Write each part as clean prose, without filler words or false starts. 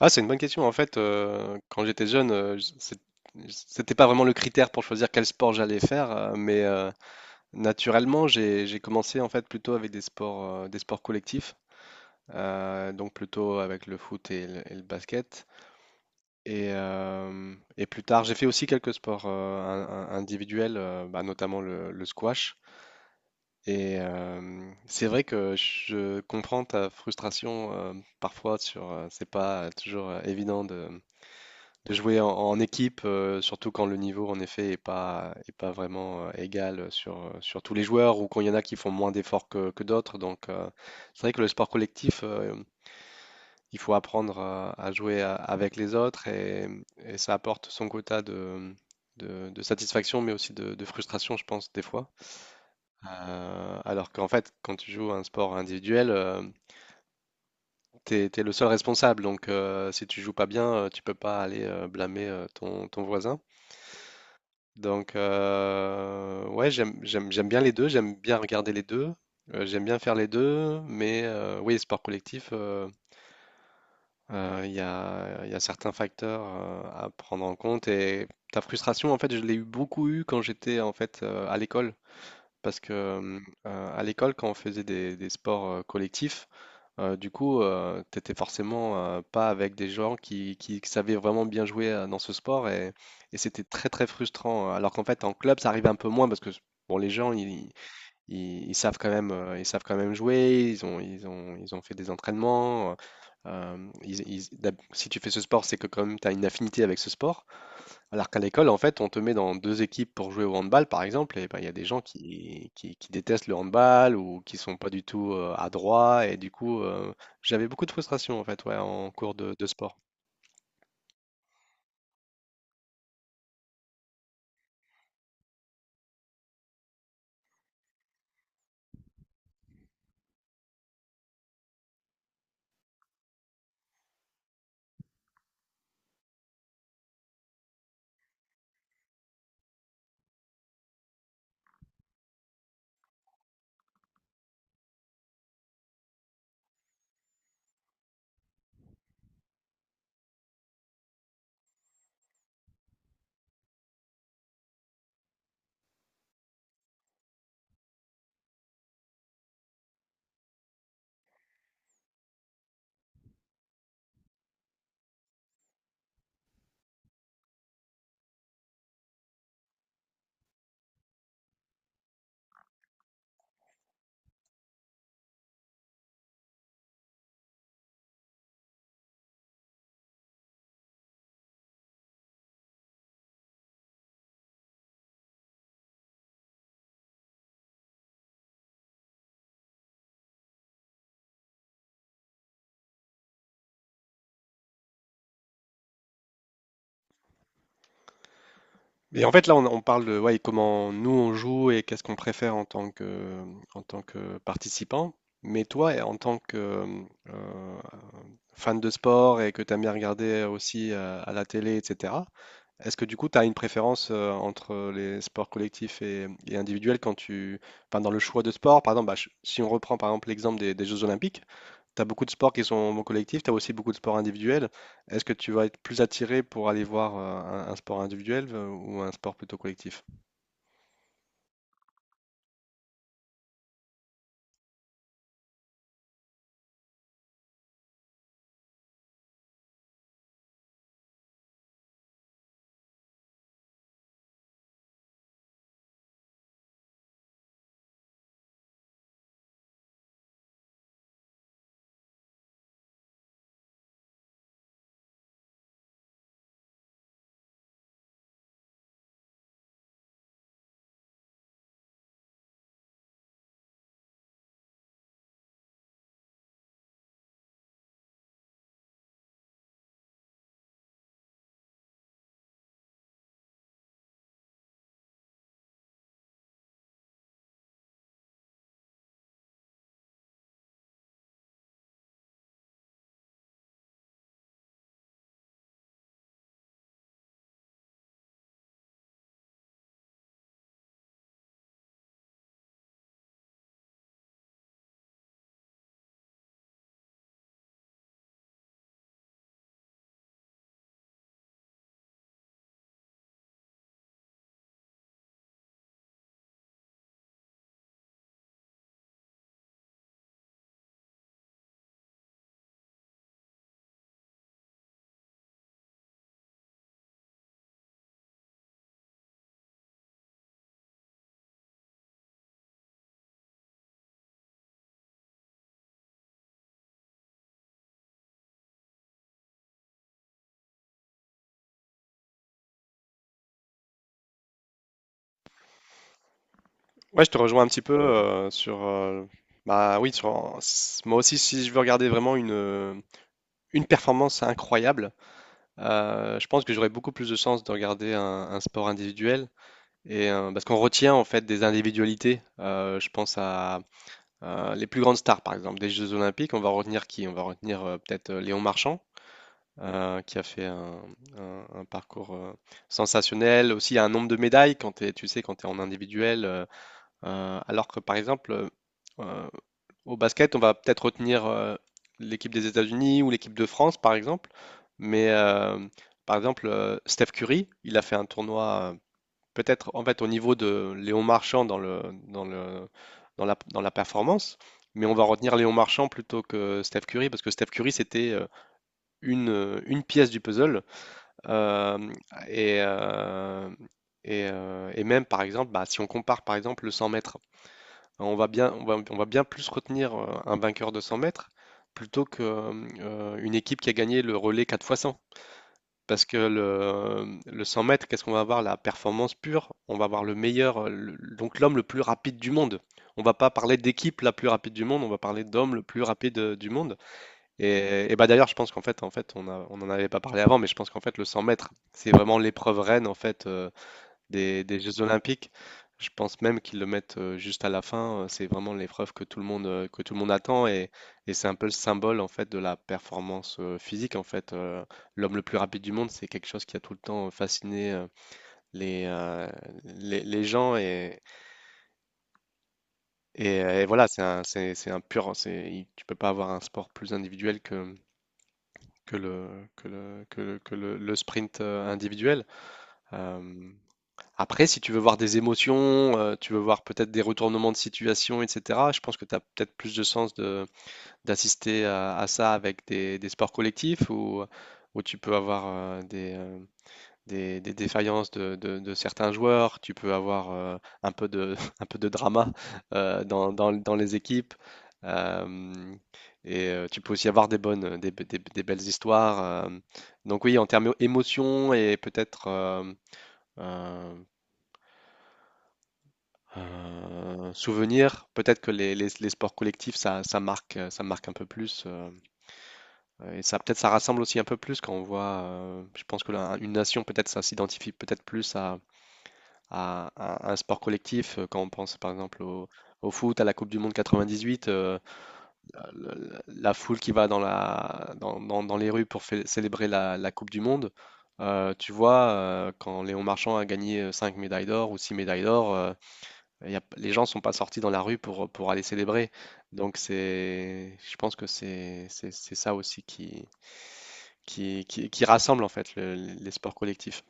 Ah, c'est une bonne question. En fait, quand j'étais jeune, c'était pas vraiment le critère pour choisir quel sport j'allais faire, mais naturellement, j'ai commencé en fait plutôt avec des sports collectifs, donc plutôt avec le foot et le basket. Et plus tard, j'ai fait aussi quelques sports individuels, notamment le squash. C'est vrai que je comprends ta frustration parfois sur, c'est pas toujours évident de jouer en, en équipe, surtout quand le niveau en effet est pas, vraiment égal sur, sur tous les joueurs ou quand il y en a qui font moins d'efforts que d'autres. Donc, c'est vrai que le sport collectif, il faut apprendre à jouer avec les autres et ça apporte son quota de satisfaction mais aussi de frustration, je pense, des fois. Alors qu'en fait, quand tu joues à un sport individuel, t'es le seul responsable. Donc, si tu joues pas bien, tu peux pas aller blâmer ton voisin. Donc, ouais, j'aime bien les deux, j'aime bien regarder les deux, j'aime bien faire les deux, mais oui, sport collectif, il y a certains facteurs à prendre en compte et ta frustration, en fait, je l'ai eu beaucoup eu quand j'étais en fait à l'école, parce que à l'école, quand on faisait des, sports collectifs, du coup, t'étais forcément pas avec des gens qui savaient vraiment bien jouer dans ce sport et c'était très très frustrant. Alors qu'en fait, en club, ça arrive un peu moins parce que bon, les gens, ils savent quand même, ils savent quand même jouer. Ils ont fait des entraînements. Si tu fais ce sport, c'est que quand même t'as une affinité avec ce sport. Alors qu'à l'école, en fait, on te met dans 2 équipes pour jouer au handball, par exemple, et ben, il y a des gens qui détestent le handball ou qui sont pas du tout adroits. Et du coup, j'avais beaucoup de frustration, en fait, ouais, en cours de, sport. Et en fait, là, on parle de ouais, comment nous on joue et qu'est-ce qu'on préfère en tant que en tant que participant. Mais toi, et en tant que euh, fan de sport et que tu aimes bien regarder aussi à la télé, etc., est-ce que du coup, tu as une préférence entre les sports collectifs et individuels quand tu, enfin, dans le choix de sport? Par exemple, bah, si on reprend par exemple l'exemple des Jeux Olympiques, tu as beaucoup de sports qui sont collectifs, tu as aussi beaucoup de sports individuels. Est-ce que tu vas être plus attiré pour aller voir un sport individuel ou un sport plutôt collectif? Ouais, je te rejoins un petit peu sur... bah oui, moi aussi, si je veux regarder vraiment une performance incroyable, je pense que j'aurais beaucoup plus de sens de regarder un sport individuel. Parce qu'on retient en fait des individualités. Je pense à les plus grandes stars, par exemple, des Jeux Olympiques. On va retenir qui? On va retenir peut-être Léon Marchand, qui a fait un parcours sensationnel. Aussi, il y a un nombre de médailles quand tu sais, quand tu es en individuel. Alors que, par exemple, euh, au basket, on va peut-être retenir l'équipe des États-Unis ou l'équipe de France, par exemple. Mais, par exemple, Steph Curry, il a fait un tournoi, peut-être en fait au niveau de Léon Marchand dans le, dans la performance. Mais on va retenir Léon Marchand plutôt que Steph Curry, parce que Steph Curry, c'était une pièce du puzzle. Hem, et heu et même par exemple, bah, si on compare par exemple le 100 mètres, hein, on va bien plus retenir, un vainqueur de 100 mètres plutôt que, une équipe qui a gagné le relais 4 fois 100. Parce que le 100 mètres, qu'est-ce qu'on va avoir? La performance pure, on va avoir le meilleur, le donc l'homme le plus rapide du monde. On va pas parler d'équipe la plus rapide du monde, on va parler d'homme le plus rapide, du monde. D'ailleurs, je pense qu'en fait, on en avait pas parlé avant, mais je pense qu'en fait, le 100 mètres, c'est vraiment l'épreuve reine en fait des, Jeux Olympiques. Je pense même qu'ils le mettent juste à la fin. C'est vraiment l'épreuve que tout le monde que tout le monde attend et c'est un peu le symbole en fait de la performance physique. En fait, l'homme le plus rapide du monde, c'est quelque chose qui a tout le temps fasciné les, euh, les gens et voilà, c'est un pur. Tu peux pas avoir un sport plus individuel que le, que le, que le, que le sprint individuel. Euh, après, si tu veux voir des émotions, tu veux voir peut-être des retournements de situation, etc., je pense que tu as peut-être plus de sens d'assister à, ça avec des, sports collectifs où, tu peux avoir des défaillances de, de certains joueurs, tu peux avoir un peu de, un peu de drama dans, dans les équipes. euh, et tu peux aussi avoir des bonnes, des, be- des belles histoires. Donc oui, en termes émotion et peut-être euh, souvenir, peut-être que les, les sports collectifs, ça marque un peu plus. Et ça peut-être ça rassemble aussi un peu plus quand on voit, je pense que là, une nation, peut-être ça s'identifie peut-être plus à, un sport collectif. Quand on pense par exemple au, foot, à la Coupe du Monde 98, la, la- foule qui va dans, dans les rues pour célébrer la Coupe du Monde, tu vois, quand Léon Marchand a gagné 5 médailles d'or ou 6 médailles d'or, les gens sont pas sortis dans la rue pour aller célébrer. Donc c'est, je pense que c'est ça aussi qui, qui rassemble en fait les sports collectifs.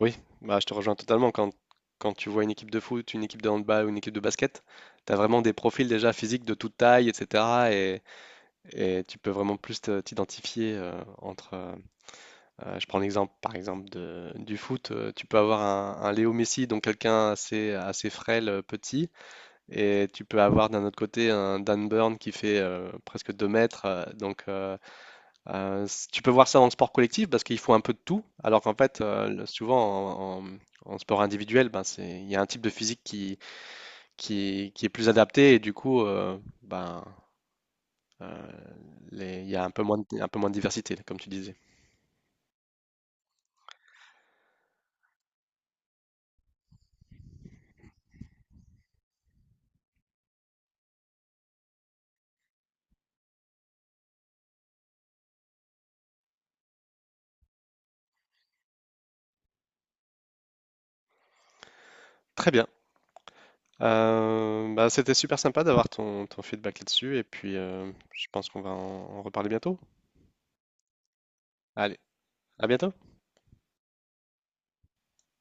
Oui, bah, je te rejoins totalement. Quand tu vois une équipe de foot, une équipe de handball ou une équipe de basket, tu as vraiment des profils déjà physiques de toute taille, etc. Et tu peux vraiment plus t'identifier entre. Je prends l'exemple, par exemple, du foot. Tu peux avoir un Léo Messi, donc quelqu'un assez frêle, petit. Et tu peux avoir d'un autre côté un Dan Burn qui fait presque 2 mètres. Tu peux voir ça dans le sport collectif parce qu'il faut un peu de tout, alors qu'en fait, souvent en, en sport individuel, ben, il y a un type de physique qui, qui est plus adapté et du coup, ben, euh, il y a un peu moins de, diversité, comme tu disais. Très bien. C'était super sympa d'avoir ton feedback là-dessus et puis je pense qu'on va en reparler bientôt. Allez, à bientôt.